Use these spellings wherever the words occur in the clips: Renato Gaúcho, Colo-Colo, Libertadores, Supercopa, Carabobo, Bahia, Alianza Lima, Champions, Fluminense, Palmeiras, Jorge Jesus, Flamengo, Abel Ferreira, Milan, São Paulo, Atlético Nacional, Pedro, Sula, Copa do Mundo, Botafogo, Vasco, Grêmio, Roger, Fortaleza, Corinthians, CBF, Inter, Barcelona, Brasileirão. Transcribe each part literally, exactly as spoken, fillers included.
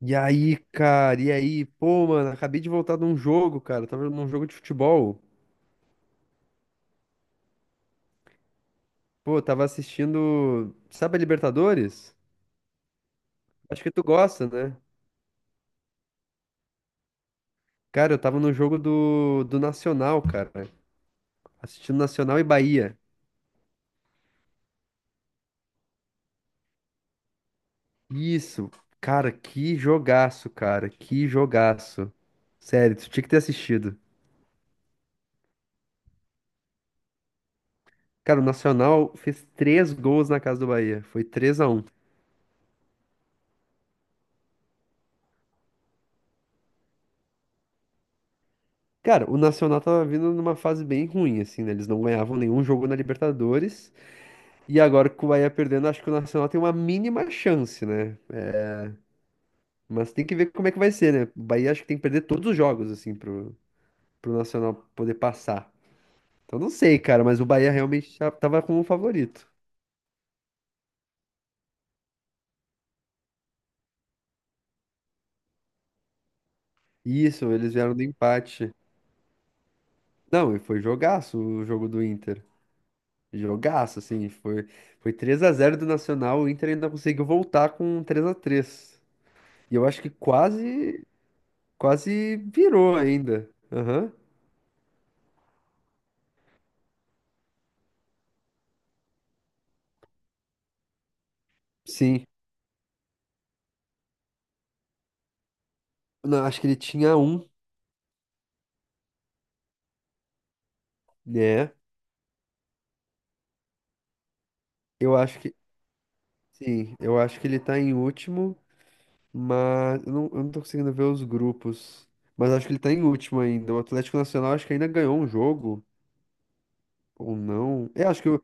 E aí, cara, e aí? Pô, mano, acabei de voltar de um jogo, cara. Tava num jogo de futebol. Pô, tava assistindo. Sabe a Libertadores? Acho que tu gosta, né? Cara, eu tava no jogo do, do Nacional, cara. Assistindo Nacional e Bahia. Isso, cara, que jogaço, cara. Que jogaço. Sério, tu tinha que ter assistido. Cara, o Nacional fez três gols na casa do Bahia. Foi três a um. Cara, o Nacional tava vindo numa fase bem ruim, assim, né? Eles não ganhavam nenhum jogo na Libertadores. E agora que o Bahia perdendo, acho que o Nacional tem uma mínima chance, né? Mas tem que ver como é que vai ser, né? O Bahia acho que tem que perder todos os jogos, assim, pro, pro Nacional poder passar. Então não sei, cara, mas o Bahia realmente tá- tava como favorito. Isso, eles vieram do empate. Não, e foi jogaço o jogo do Inter. Jogaço, assim, foi, foi três a zero do Nacional, o Inter ainda conseguiu voltar com três a três. E eu acho que quase, quase virou ainda. Aham, sim. Não, acho que ele tinha um, né? Eu acho que sim, eu acho que ele tá em último, mas eu não, eu não tô conseguindo ver os grupos. Mas acho que ele tá em último ainda. O Atlético Nacional acho que ainda ganhou um jogo, ou não. É, acho que o-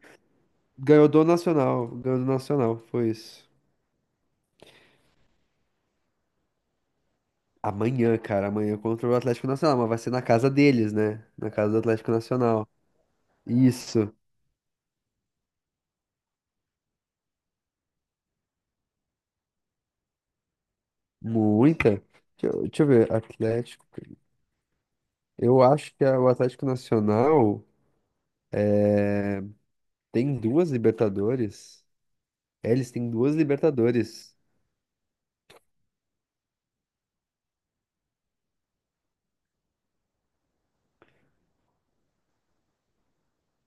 ganhou do Nacional. Ganhou do Nacional, foi isso. Amanhã, cara, amanhã contra o Atlético Nacional, mas vai ser na casa deles, né? Na casa do Atlético Nacional. Isso, muita. Deixa eu, deixa eu ver, Atlético. Eu acho que a- o Atlético Nacional tem duas Libertadores. É, eles têm duas Libertadores.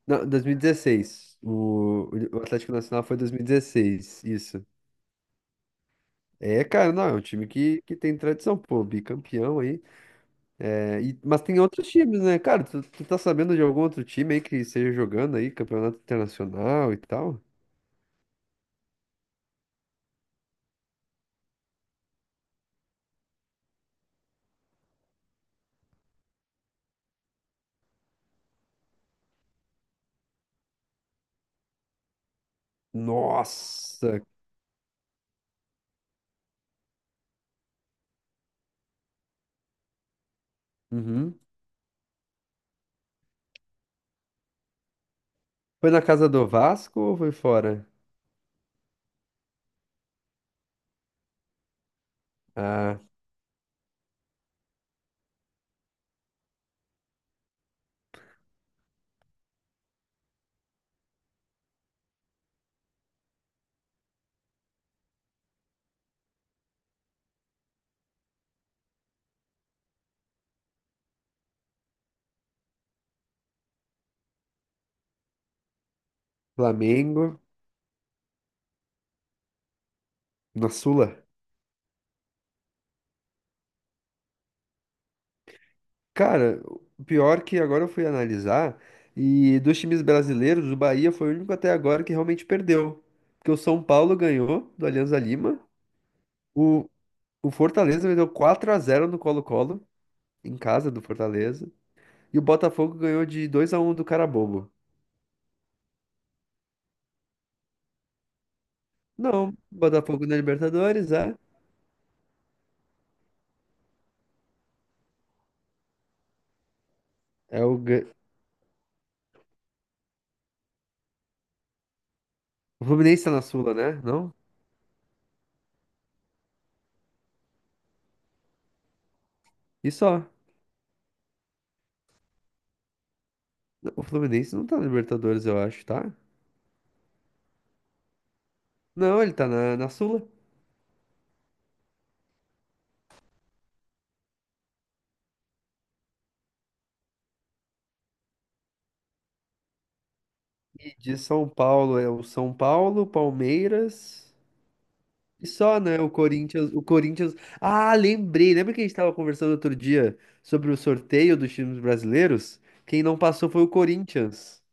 Não, dois mil e dezesseis. O, o Atlético Nacional foi dois mil e dezesseis, isso. É, cara, não, é um time que, que tem tradição, pô, bicampeão aí. É, e- mas tem outros times, né? Cara, tu, tu tá sabendo de algum outro time aí que esteja jogando aí, campeonato internacional e tal? Nossa! Uhum. Foi na casa do Vasco ou foi fora? Ah, Flamengo, na Sula. Cara, o pior que agora eu fui analisar, e dos times brasileiros, o Bahia foi o único até agora que realmente perdeu. Porque o São Paulo ganhou do Alianza Lima, o, o Fortaleza meteu quatro a zero no Colo-Colo, em casa do Fortaleza, e o Botafogo ganhou de dois a um do Carabobo. Não, Botafogo na Libertadores, é. É o, gan- o Fluminense tá na Sula, né? Não? E só. O Fluminense não tá na Libertadores, eu acho, tá? Não, ele tá na, na Sula. De São Paulo é o São Paulo, Palmeiras e só, né? O Corinthians, o Corinthians. Ah, lembrei. Lembra que a gente estava conversando outro dia sobre o sorteio dos times brasileiros? Quem não passou foi o Corinthians.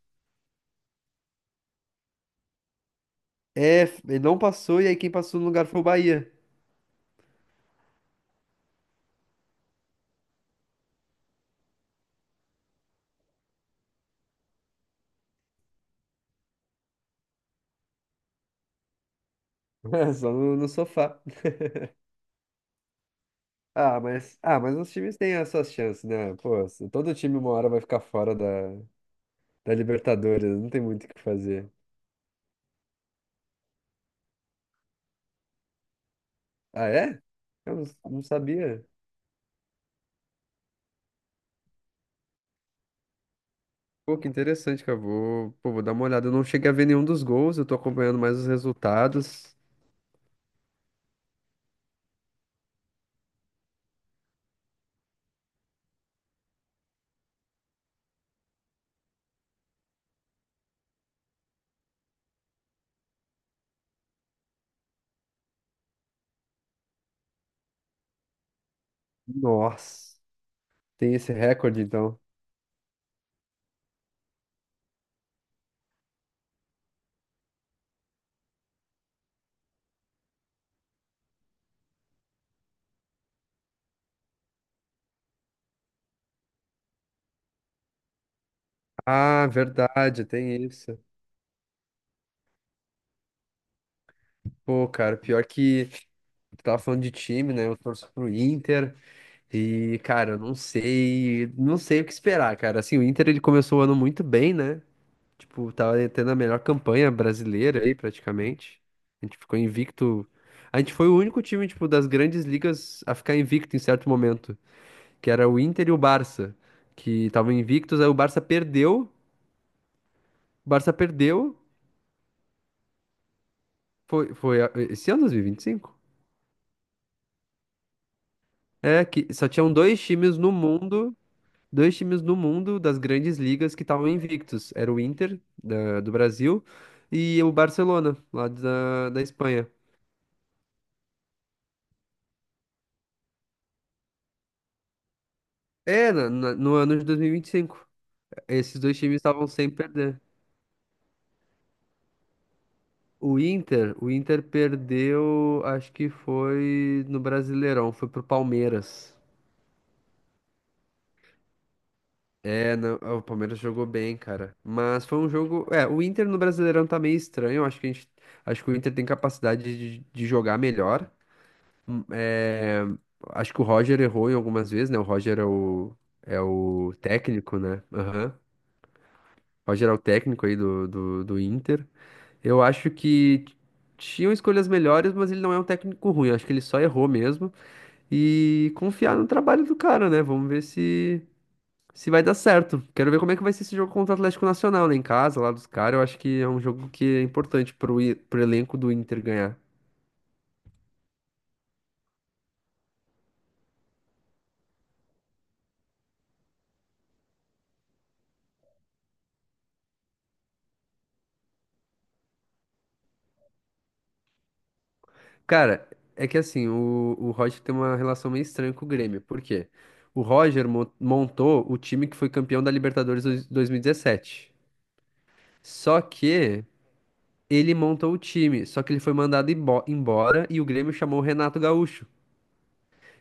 É, ele não passou e aí quem passou no lugar foi o Bahia. É, só no, no sofá. Ah, mas, ah, mas os times têm as suas chances, né? Pô, se todo time uma hora vai ficar fora da, da Libertadores, não tem muito o que fazer. Ah, é? Eu não, não sabia. Pô, que interessante, cara. Vou, pô, vou dar uma olhada. Eu não cheguei a ver nenhum dos gols, eu tô acompanhando mais os resultados. Nossa, tem esse recorde, então. Ah, verdade, tem isso. Pô, cara, pior que tu tava falando de time, né? Eu torço pro Inter e, cara, eu não sei, não sei o que esperar, cara. Assim, o Inter ele começou o ano muito bem, né? Tipo, tava tendo a melhor campanha brasileira aí, praticamente. A gente ficou invicto. A gente foi o único time, tipo, das grandes ligas a ficar invicto em certo momento. Que era o Inter e o Barça, que estavam invictos, aí o Barça perdeu, o Barça perdeu, foi, foi a- esse ano dois mil e vinte e cinco? É, que só tinham dois times no mundo, dois times no mundo das grandes ligas que estavam invictos, era o Inter da- do Brasil e o Barcelona, lá da, da Espanha. É, na- na- no ano de dois mil e vinte e cinco, esses dois times estavam sem perder. O Inter, o Inter perdeu, acho que foi no Brasileirão, foi pro Palmeiras. É, não, o Palmeiras jogou bem, cara. Mas foi um jogo. É, o Inter no Brasileirão tá meio estranho. Acho que a gente, acho que o Inter tem capacidade de, de jogar melhor. Hum, é, acho que o Roger errou em algumas vezes, né? O Roger é o, é o técnico, né? Aham. O Roger é o técnico aí do, do, do Inter. Eu acho que tinham escolhas melhores, mas ele não é um técnico ruim. Acho que ele só errou mesmo. E confiar no trabalho do cara, né? Vamos ver se se vai dar certo. Quero ver como é que vai ser esse jogo contra o Atlético Nacional, né? Em casa, lá dos caras. Eu acho que é um jogo que é importante pro, I- pro elenco do Inter ganhar. Cara, é que assim, o, o Roger tem uma relação meio estranha com o Grêmio. Por quê? O Roger mo- montou o time que foi campeão da Libertadores dois- 2017. Só que ele montou o time, só que ele foi mandado imbo- embora e o Grêmio chamou o Renato Gaúcho.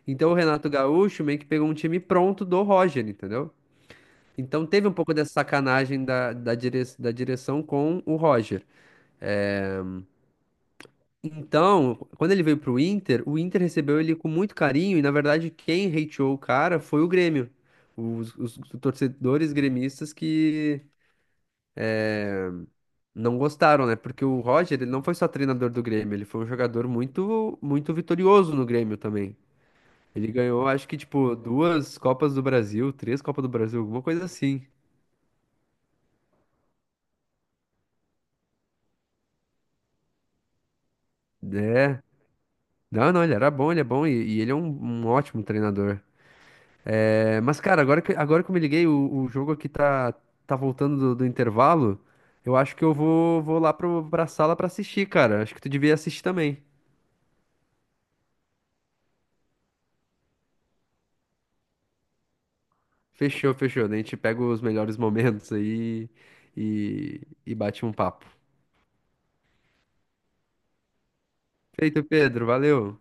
Então o Renato Gaúcho meio que pegou um time pronto do Roger, entendeu? Então teve um pouco dessa sacanagem da, da, dire- da direção com o Roger. Então, quando ele veio pro Inter, o Inter recebeu ele com muito carinho e, na verdade, quem hateou o cara foi o Grêmio. Os, os torcedores gremistas que não gostaram, né? Porque o Roger, ele não foi só treinador do Grêmio, ele foi um jogador muito, muito vitorioso no Grêmio também. Ele ganhou, acho que, tipo, duas Copas do Brasil, três Copas do Brasil, alguma coisa assim. É. Não, não, ele era bom, ele é bom e, e ele é um um ótimo treinador. É, mas, cara, agora que, agora que eu me liguei, o, o jogo aqui tá, tá voltando do, do intervalo. Eu acho que eu vou, vou lá pro, pra sala pra assistir, cara. Acho que tu devia assistir também. Fechou, fechou. Daí a gente pega os melhores momentos aí e, e bate um papo. Feito, Pedro. Valeu.